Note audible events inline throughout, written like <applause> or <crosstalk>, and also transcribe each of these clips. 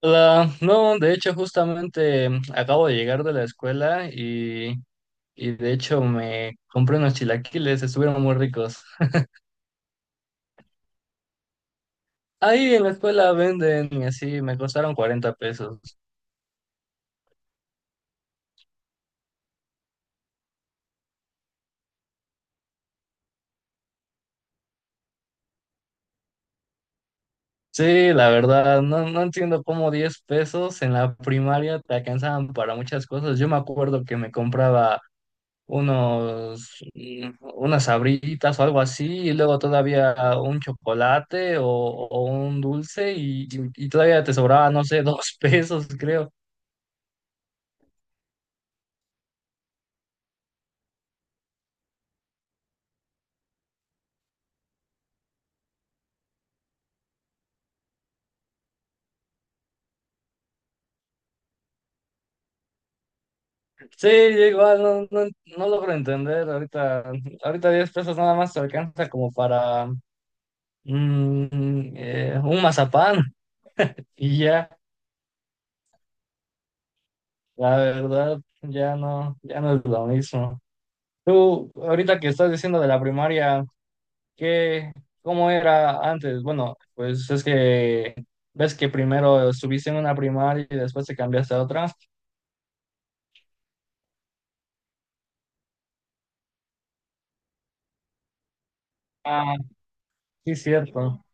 Hola, no, de hecho justamente acabo de llegar de la escuela y de hecho me compré unos chilaquiles, estuvieron muy ricos. Ahí en la escuela venden y así me costaron 40 pesos. Sí, la verdad, no, no entiendo cómo 10 pesos en la primaria te alcanzaban para muchas cosas. Yo me acuerdo que me compraba unas sabritas o algo así, y luego todavía un chocolate o un dulce, y todavía te sobraba, no sé, <laughs> 2 pesos, creo. Sí, yo igual no, no, no logro entender. Ahorita, ahorita 10 pesos nada más te alcanza como para un mazapán, <laughs> y ya, la verdad, ya no, ya no es lo mismo. Tú, ahorita que estás diciendo de la primaria, ¿Qué, cómo era antes? Bueno, pues es que ves que primero estuviste en una primaria y después te cambiaste a otra. Ah, sí, cierto.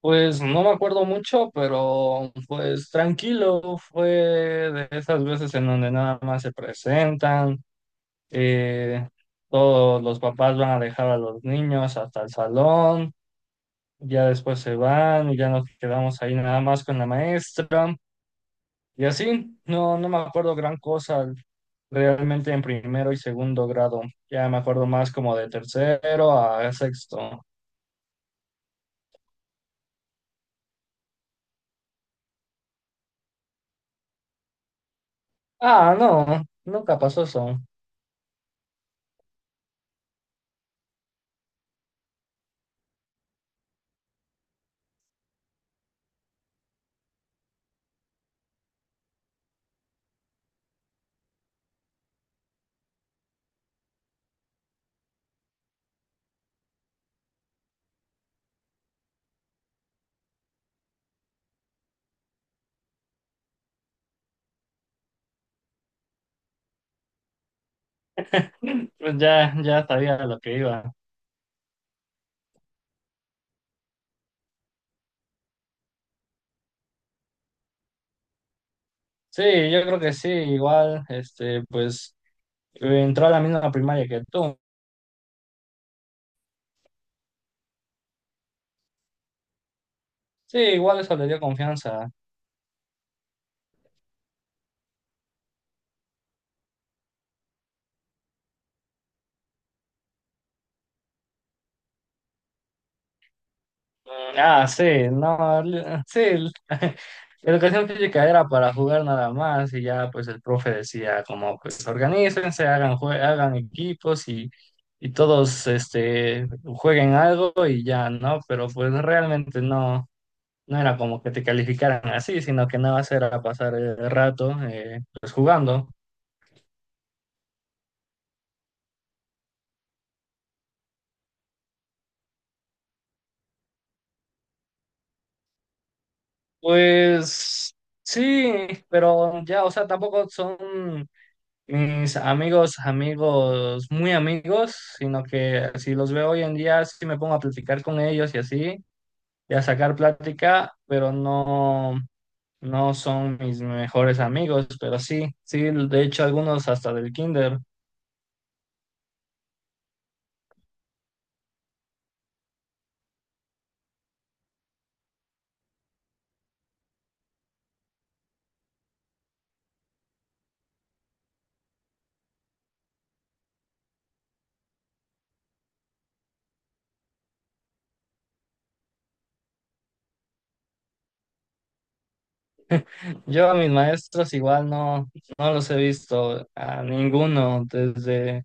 Pues no me acuerdo mucho, pero pues tranquilo, fue de esas veces en donde nada más se presentan, eh, todos los papás van a dejar a los niños hasta el salón, ya después se van y ya nos quedamos ahí nada más con la maestra. Y así, no, no me acuerdo gran cosa realmente en primero y segundo grado. Ya me acuerdo más como de tercero a sexto. Ah, no, nunca pasó eso. Pues ya, ya sabía a lo que iba. Sí, yo creo que sí, igual, este, pues entró a la misma primaria que tú. Sí, igual eso le dio confianza. Ah, sí, no, sí, <laughs> educación física era para jugar nada más y ya pues el profe decía como pues organícense, hagan equipos y, todos este jueguen algo y ya, ¿no? Pero pues realmente no, no era como que te calificaran así, sino que nada más era pasar el rato pues jugando. Pues sí, pero ya, o sea, tampoco son mis amigos, amigos, muy amigos, sino que si los veo hoy en día, sí me pongo a platicar con ellos y así, y a sacar plática, pero no, no son mis mejores amigos, pero sí, sí, de hecho algunos hasta del kinder. Yo a mis maestros igual no, no los he visto a ninguno desde,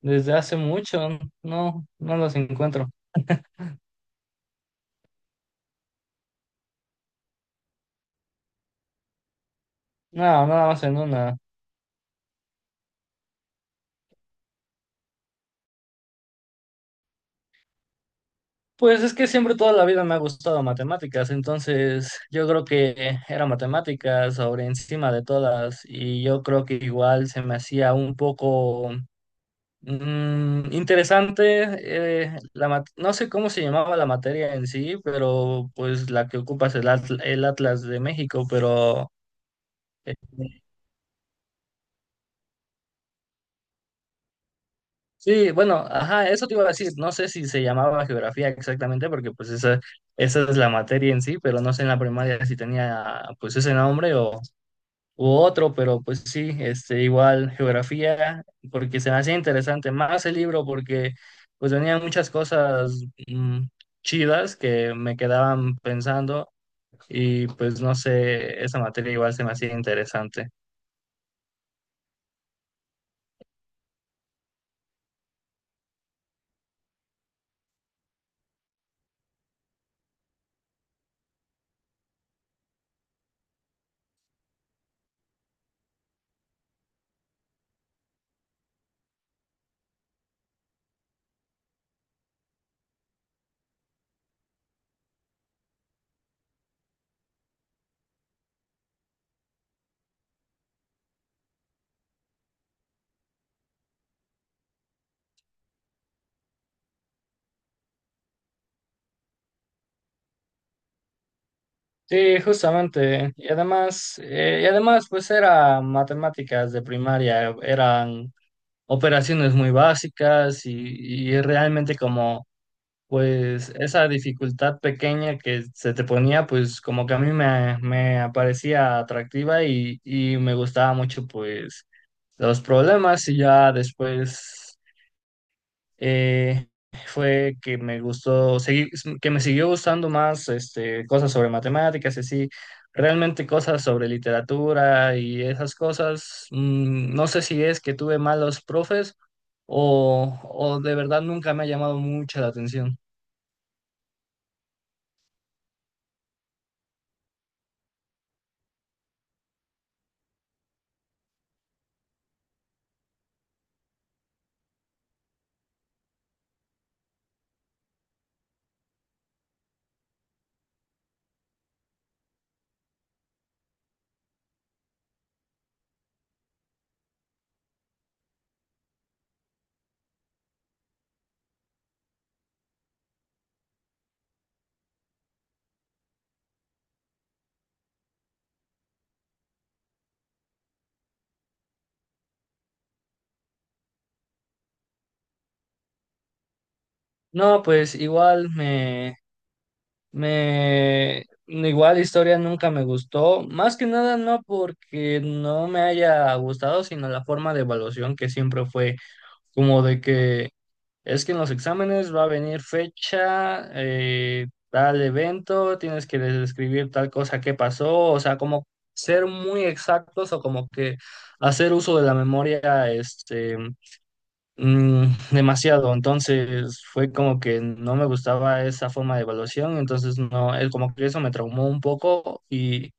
desde hace mucho, no, no los encuentro. No, nada más en una. Pues es que siempre toda la vida me ha gustado matemáticas, entonces yo creo que era matemáticas sobre encima de todas y yo creo que igual se me hacía un poco interesante, no sé cómo se llamaba la materia en sí, pero pues la que ocupas el Atlas de México, pero. eh, Sí, bueno, ajá, eso te iba a decir. No sé si se llamaba geografía exactamente, porque pues esa es la materia en sí, pero no sé en la primaria si tenía pues ese nombre o u otro, pero pues sí, este, igual geografía, porque se me hacía interesante más el libro, porque pues venían muchas cosas mm, chidas que me quedaban pensando y pues no sé, esa materia igual se me hacía interesante. Sí, justamente. Y además, pues era matemáticas de primaria, eran operaciones muy básicas y, realmente como, pues esa dificultad pequeña que se te ponía, pues como que a mí me parecía atractiva y me gustaba mucho, pues, los problemas y ya después eh, fue que me gustó, que me siguió gustando más este, cosas sobre matemáticas y así, realmente cosas sobre literatura y esas cosas. No sé si es que tuve malos profes o de verdad nunca me ha llamado mucho la atención. No, pues igual igual historia nunca me gustó, más que nada no porque no me haya gustado, sino la forma de evaluación que siempre fue como de que es que en los exámenes va a venir fecha, tal evento, tienes que describir tal cosa que pasó, o sea, como ser muy exactos o como que hacer uso de la memoria, este. Mm, demasiado, entonces fue como que no me gustaba esa forma de evaluación, entonces no, él como que eso me traumó un poco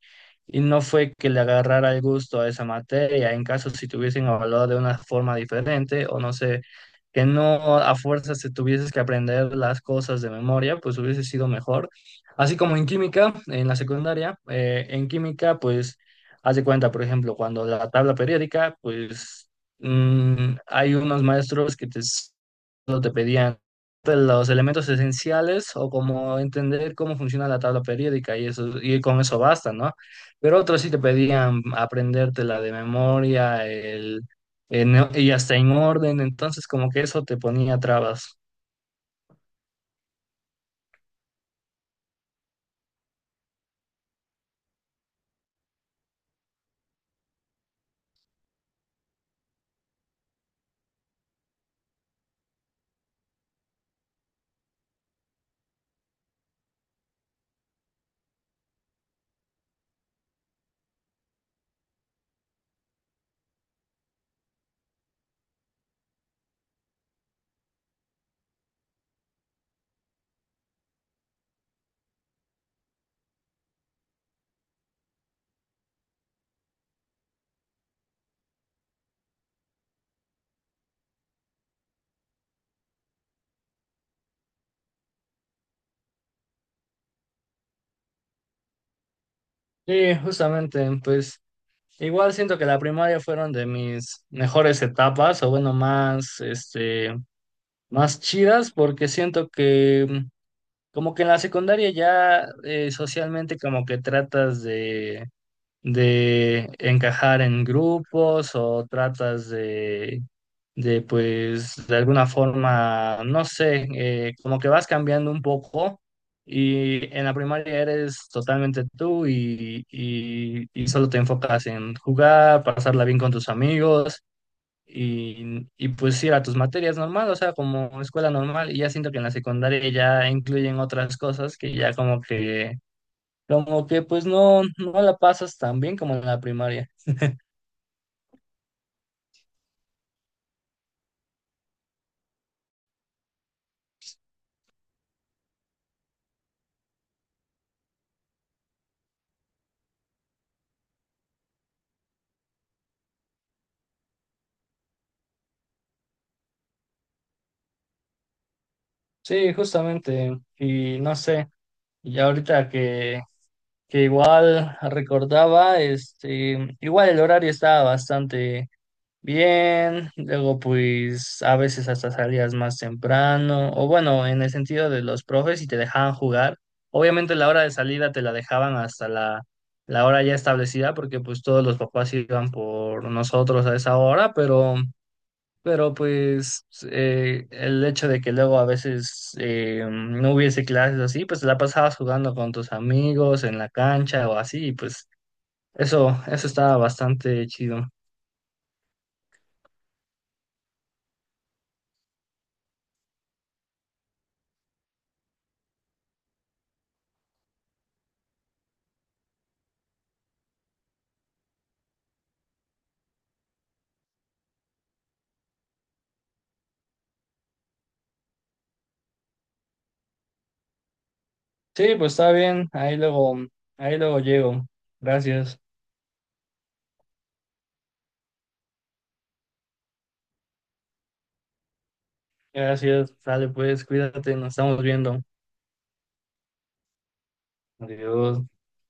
y no fue que le agarrara el gusto a esa materia, en caso si te hubiesen evaluado de una forma diferente o no sé, que no a fuerza se tuvieses que aprender las cosas de memoria, pues hubiese sido mejor. Así como en química, en la secundaria, en química pues. Haz de cuenta, por ejemplo, cuando la tabla periódica, pues hay unos maestros que solo te pedían los elementos esenciales o como entender cómo funciona la tabla periódica y eso, y con eso basta, ¿no? Pero otros sí te pedían aprendértela de memoria, y hasta en orden, entonces como que eso te ponía trabas. Sí, justamente, pues igual siento que la primaria fueron de mis mejores etapas, o bueno, más chidas, porque siento que como que en la secundaria ya socialmente como que tratas de encajar en grupos o tratas de pues de alguna forma, no sé, como que vas cambiando un poco y en la primaria eres totalmente tú y, solo te enfocas en jugar, pasarla bien con tus amigos y pues ir a tus materias normal, o sea, como escuela normal, y ya siento que en la secundaria ya incluyen otras cosas que ya como que pues no, no la pasas tan bien como en la primaria. Sí, justamente, y no sé, y ahorita que igual recordaba, este, igual el horario estaba bastante bien, luego pues a veces hasta salías más temprano, o bueno, en el sentido de los profes y te dejaban jugar. Obviamente la hora de salida te la dejaban hasta la hora ya establecida porque pues todos los papás iban por nosotros a esa hora, pero pues el hecho de que luego a veces no hubiese clases o así, pues la pasabas jugando con tus amigos en la cancha o así, y pues eso estaba bastante chido. Sí, pues está bien. Ahí luego llego. Gracias. Gracias. Dale, pues, cuídate, nos estamos viendo. Adiós.